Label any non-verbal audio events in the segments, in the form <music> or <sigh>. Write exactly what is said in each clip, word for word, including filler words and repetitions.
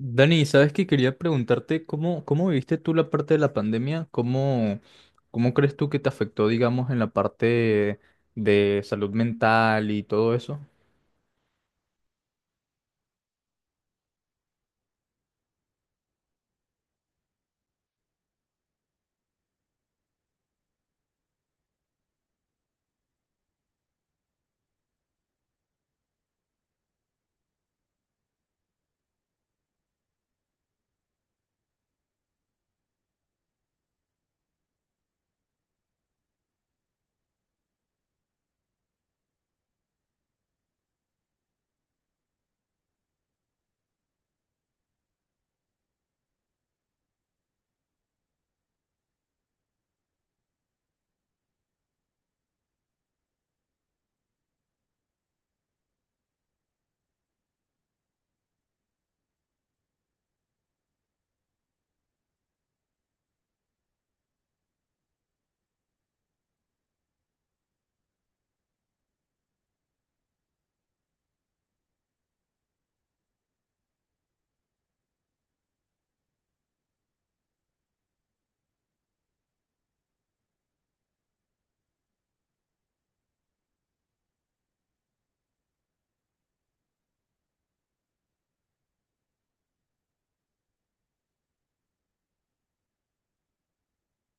Dani, ¿sabes que Quería preguntarte cómo, cómo viviste tú la parte de la pandemia, cómo, cómo crees tú que te afectó, digamos, en la parte de salud mental y todo eso?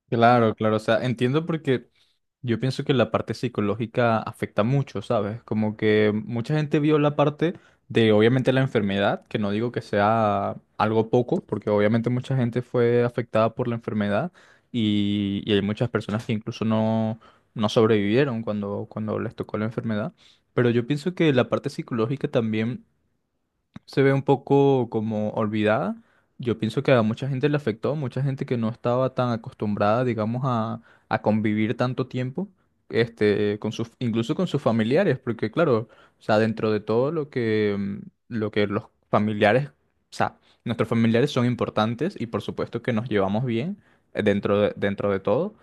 Claro, claro, o sea, entiendo porque yo pienso que la parte psicológica afecta mucho, ¿sabes? Como que mucha gente vio la parte de, obviamente, la enfermedad, que no digo que sea algo poco, porque obviamente mucha gente fue afectada por la enfermedad y, y hay muchas personas que incluso no, no sobrevivieron cuando, cuando les tocó la enfermedad, pero yo pienso que la parte psicológica también se ve un poco como olvidada. Yo pienso que a mucha gente le afectó, mucha gente que no estaba tan acostumbrada, digamos, a, a convivir tanto tiempo, este, con sus, incluso con sus familiares, porque claro, o sea, dentro de todo lo que, mm, lo que los familiares, o sea, nuestros familiares son importantes y por supuesto que nos llevamos bien, eh, dentro de, dentro de todo,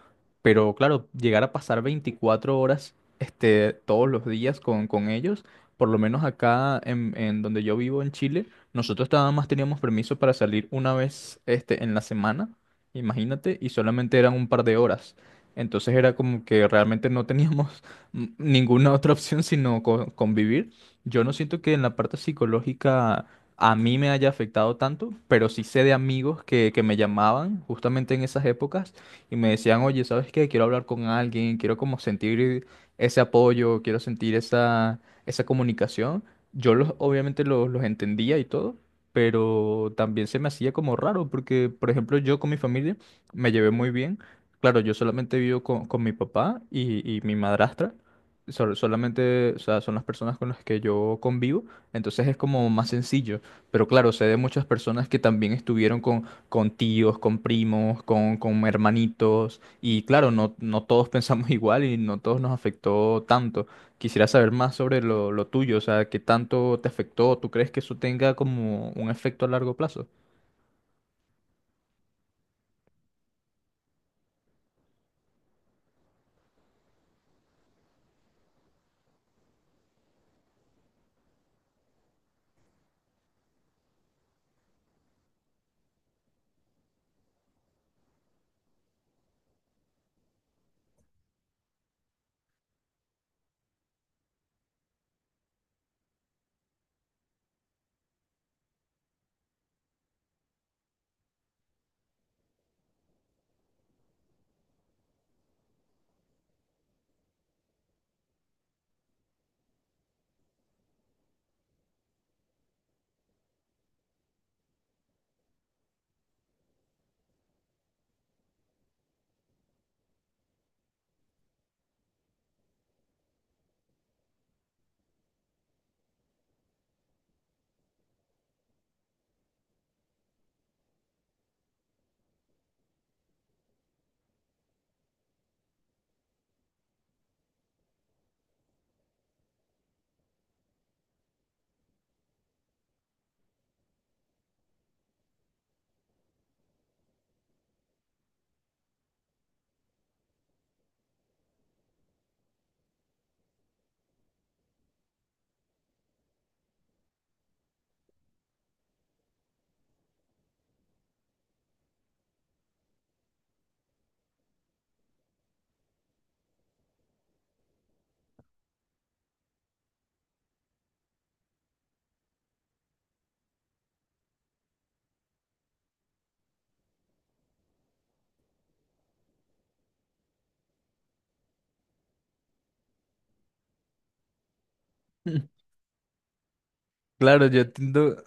pero claro, llegar a pasar veinticuatro horas, este, todos los días con, con ellos, por lo menos acá en, en donde yo vivo en Chile. Nosotros nada más teníamos permiso para salir una vez, este, en la semana, imagínate, y solamente eran un par de horas. Entonces era como que realmente no teníamos <laughs> mm, ninguna otra opción sino co- convivir. Yo no siento que en la parte psicológica a mí me haya afectado tanto, pero sí sé de amigos que, que me llamaban justamente en esas épocas y me decían, oye, ¿sabes qué? Quiero hablar con alguien, quiero como sentir ese apoyo, quiero sentir esa esa comunicación. Yo los, obviamente los, los entendía y todo, pero también se me hacía como raro, porque, por ejemplo, yo con mi familia me llevé muy bien. Claro, yo solamente vivo con, con mi papá y, y mi madrastra. Sol- solamente, o sea, son las personas con las que yo convivo, entonces es como más sencillo. Pero claro, sé de muchas personas que también estuvieron con, con tíos, con primos, con, con hermanitos, y claro, no, no todos <laughs> pensamos igual y no todos nos afectó tanto. Quisiera saber más sobre lo, lo tuyo, o sea, qué tanto te afectó. ¿Tú crees que eso tenga como un efecto a largo plazo? <laughs> Claro, yo entiendo.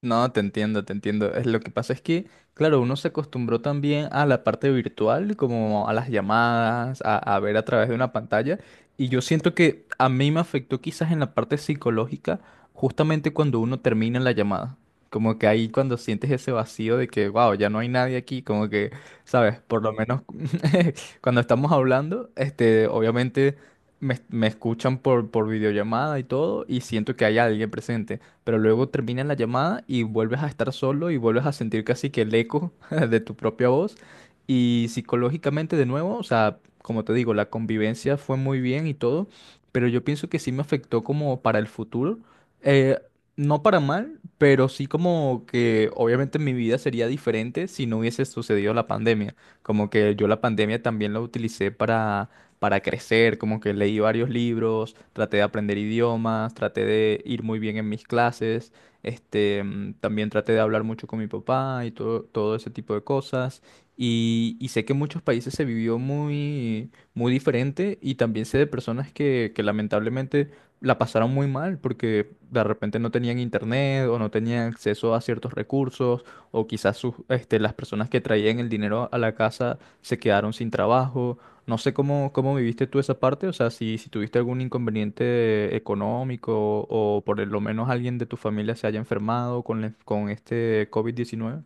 No, te entiendo, te entiendo. Es lo que pasa es que, claro, uno se acostumbró también a la parte virtual, como a las llamadas, a, a ver a través de una pantalla. Y yo siento que a mí me afectó quizás en la parte psicológica, justamente cuando uno termina la llamada. Como que ahí cuando sientes ese vacío de que, wow, ya no hay nadie aquí, como que, ¿sabes? Por lo menos <laughs> cuando estamos hablando, este, obviamente me, me escuchan por, por videollamada y todo, y siento que hay alguien presente, pero luego termina la llamada y vuelves a estar solo y vuelves a sentir casi que el eco <laughs> de tu propia voz. Y psicológicamente de nuevo, o sea, como te digo, la convivencia fue muy bien y todo, pero yo pienso que sí me afectó como para el futuro. Eh, no para mal, pero sí como que obviamente mi vida sería diferente si no hubiese sucedido la pandemia. Como que yo la pandemia también la utilicé para para crecer, como que leí varios libros, traté de aprender idiomas, traté de ir muy bien en mis clases, este, mm, también traté de hablar mucho con mi papá y todo, todo ese tipo de cosas. Y, y sé que en muchos países se vivió muy, muy diferente, y también sé de personas que, que lamentablemente la pasaron muy mal porque de repente no tenían internet o no tenían acceso a ciertos recursos, o quizás sus, este, las personas que traían el dinero a la casa se quedaron sin trabajo. No sé cómo, cómo viviste tú esa parte, o sea, si, si tuviste algún inconveniente económico o por lo menos alguien de tu familia se haya enfermado con, la- con este covid diecinueve.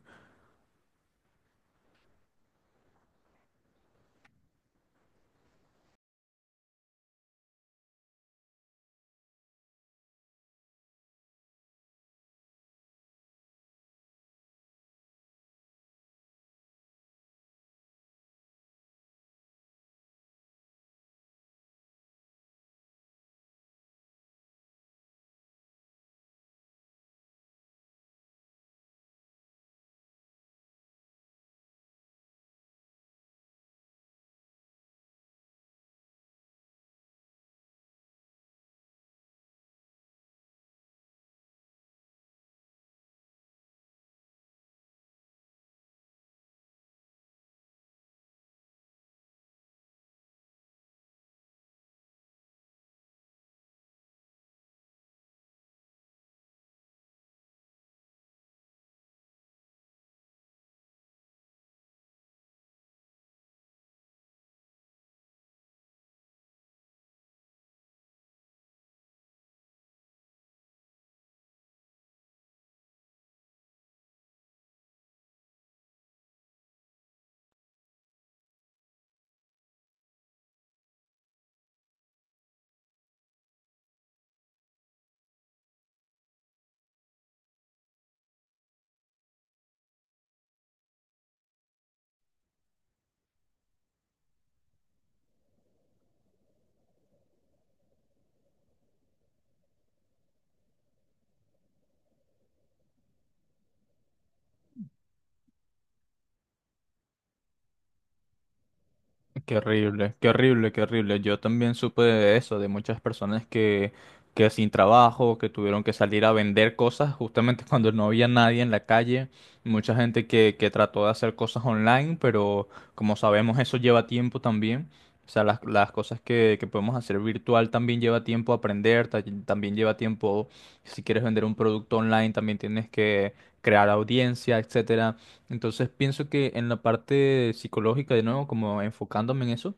Qué horrible, qué horrible, qué horrible. Yo también supe de eso, de muchas personas que, que sin trabajo, que tuvieron que salir a vender cosas justamente <laughs> cuando no había nadie en la calle. Mucha gente que, que trató de hacer cosas online, pero como sabemos eso lleva tiempo también. O sea, las, las cosas que, que podemos hacer virtual también lleva tiempo aprender, ta- también lleva tiempo, si quieres vender un producto online, también tienes que crear audiencia, etcétera. Entonces pienso que en la parte psicológica, de nuevo, como enfocándome en eso,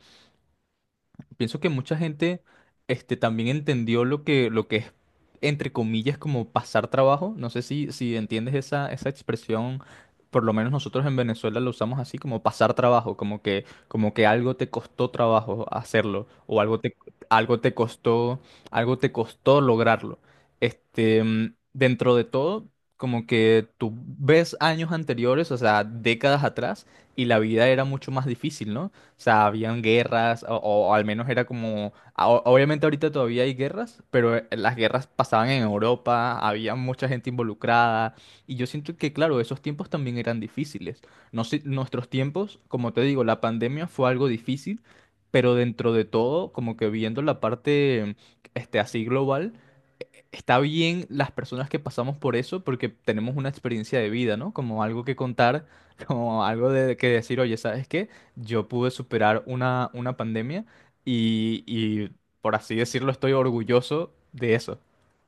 Pienso que mucha gente, este, también entendió lo que, lo que es, entre comillas, como pasar trabajo. No sé si, si entiendes esa, esa expresión, por lo menos nosotros en Venezuela lo usamos así, como pasar trabajo, como que, como que algo te costó trabajo hacerlo, o algo te, algo te costó, algo te costó lograrlo. Este, mm, dentro de todo, como que tú ves años anteriores, o sea, décadas atrás, y la vida era mucho más difícil, ¿no? O sea, habían guerras, o, o al menos era como, a- o- obviamente ahorita todavía hay guerras, pero eh, las guerras pasaban en Europa, había mucha gente involucrada, y yo siento que, claro, esos tiempos también eran difíciles. No sé, nuestros tiempos, como te digo, la pandemia fue algo difícil, pero dentro de todo, como que viendo la parte, este, así global, está bien las personas que pasamos por eso porque tenemos una experiencia de vida, ¿no? Como algo que contar, <laughs> como algo de que decir, oye, ¿sabes qué? Yo pude superar una, una pandemia y, y, por así decirlo, estoy orgulloso de eso.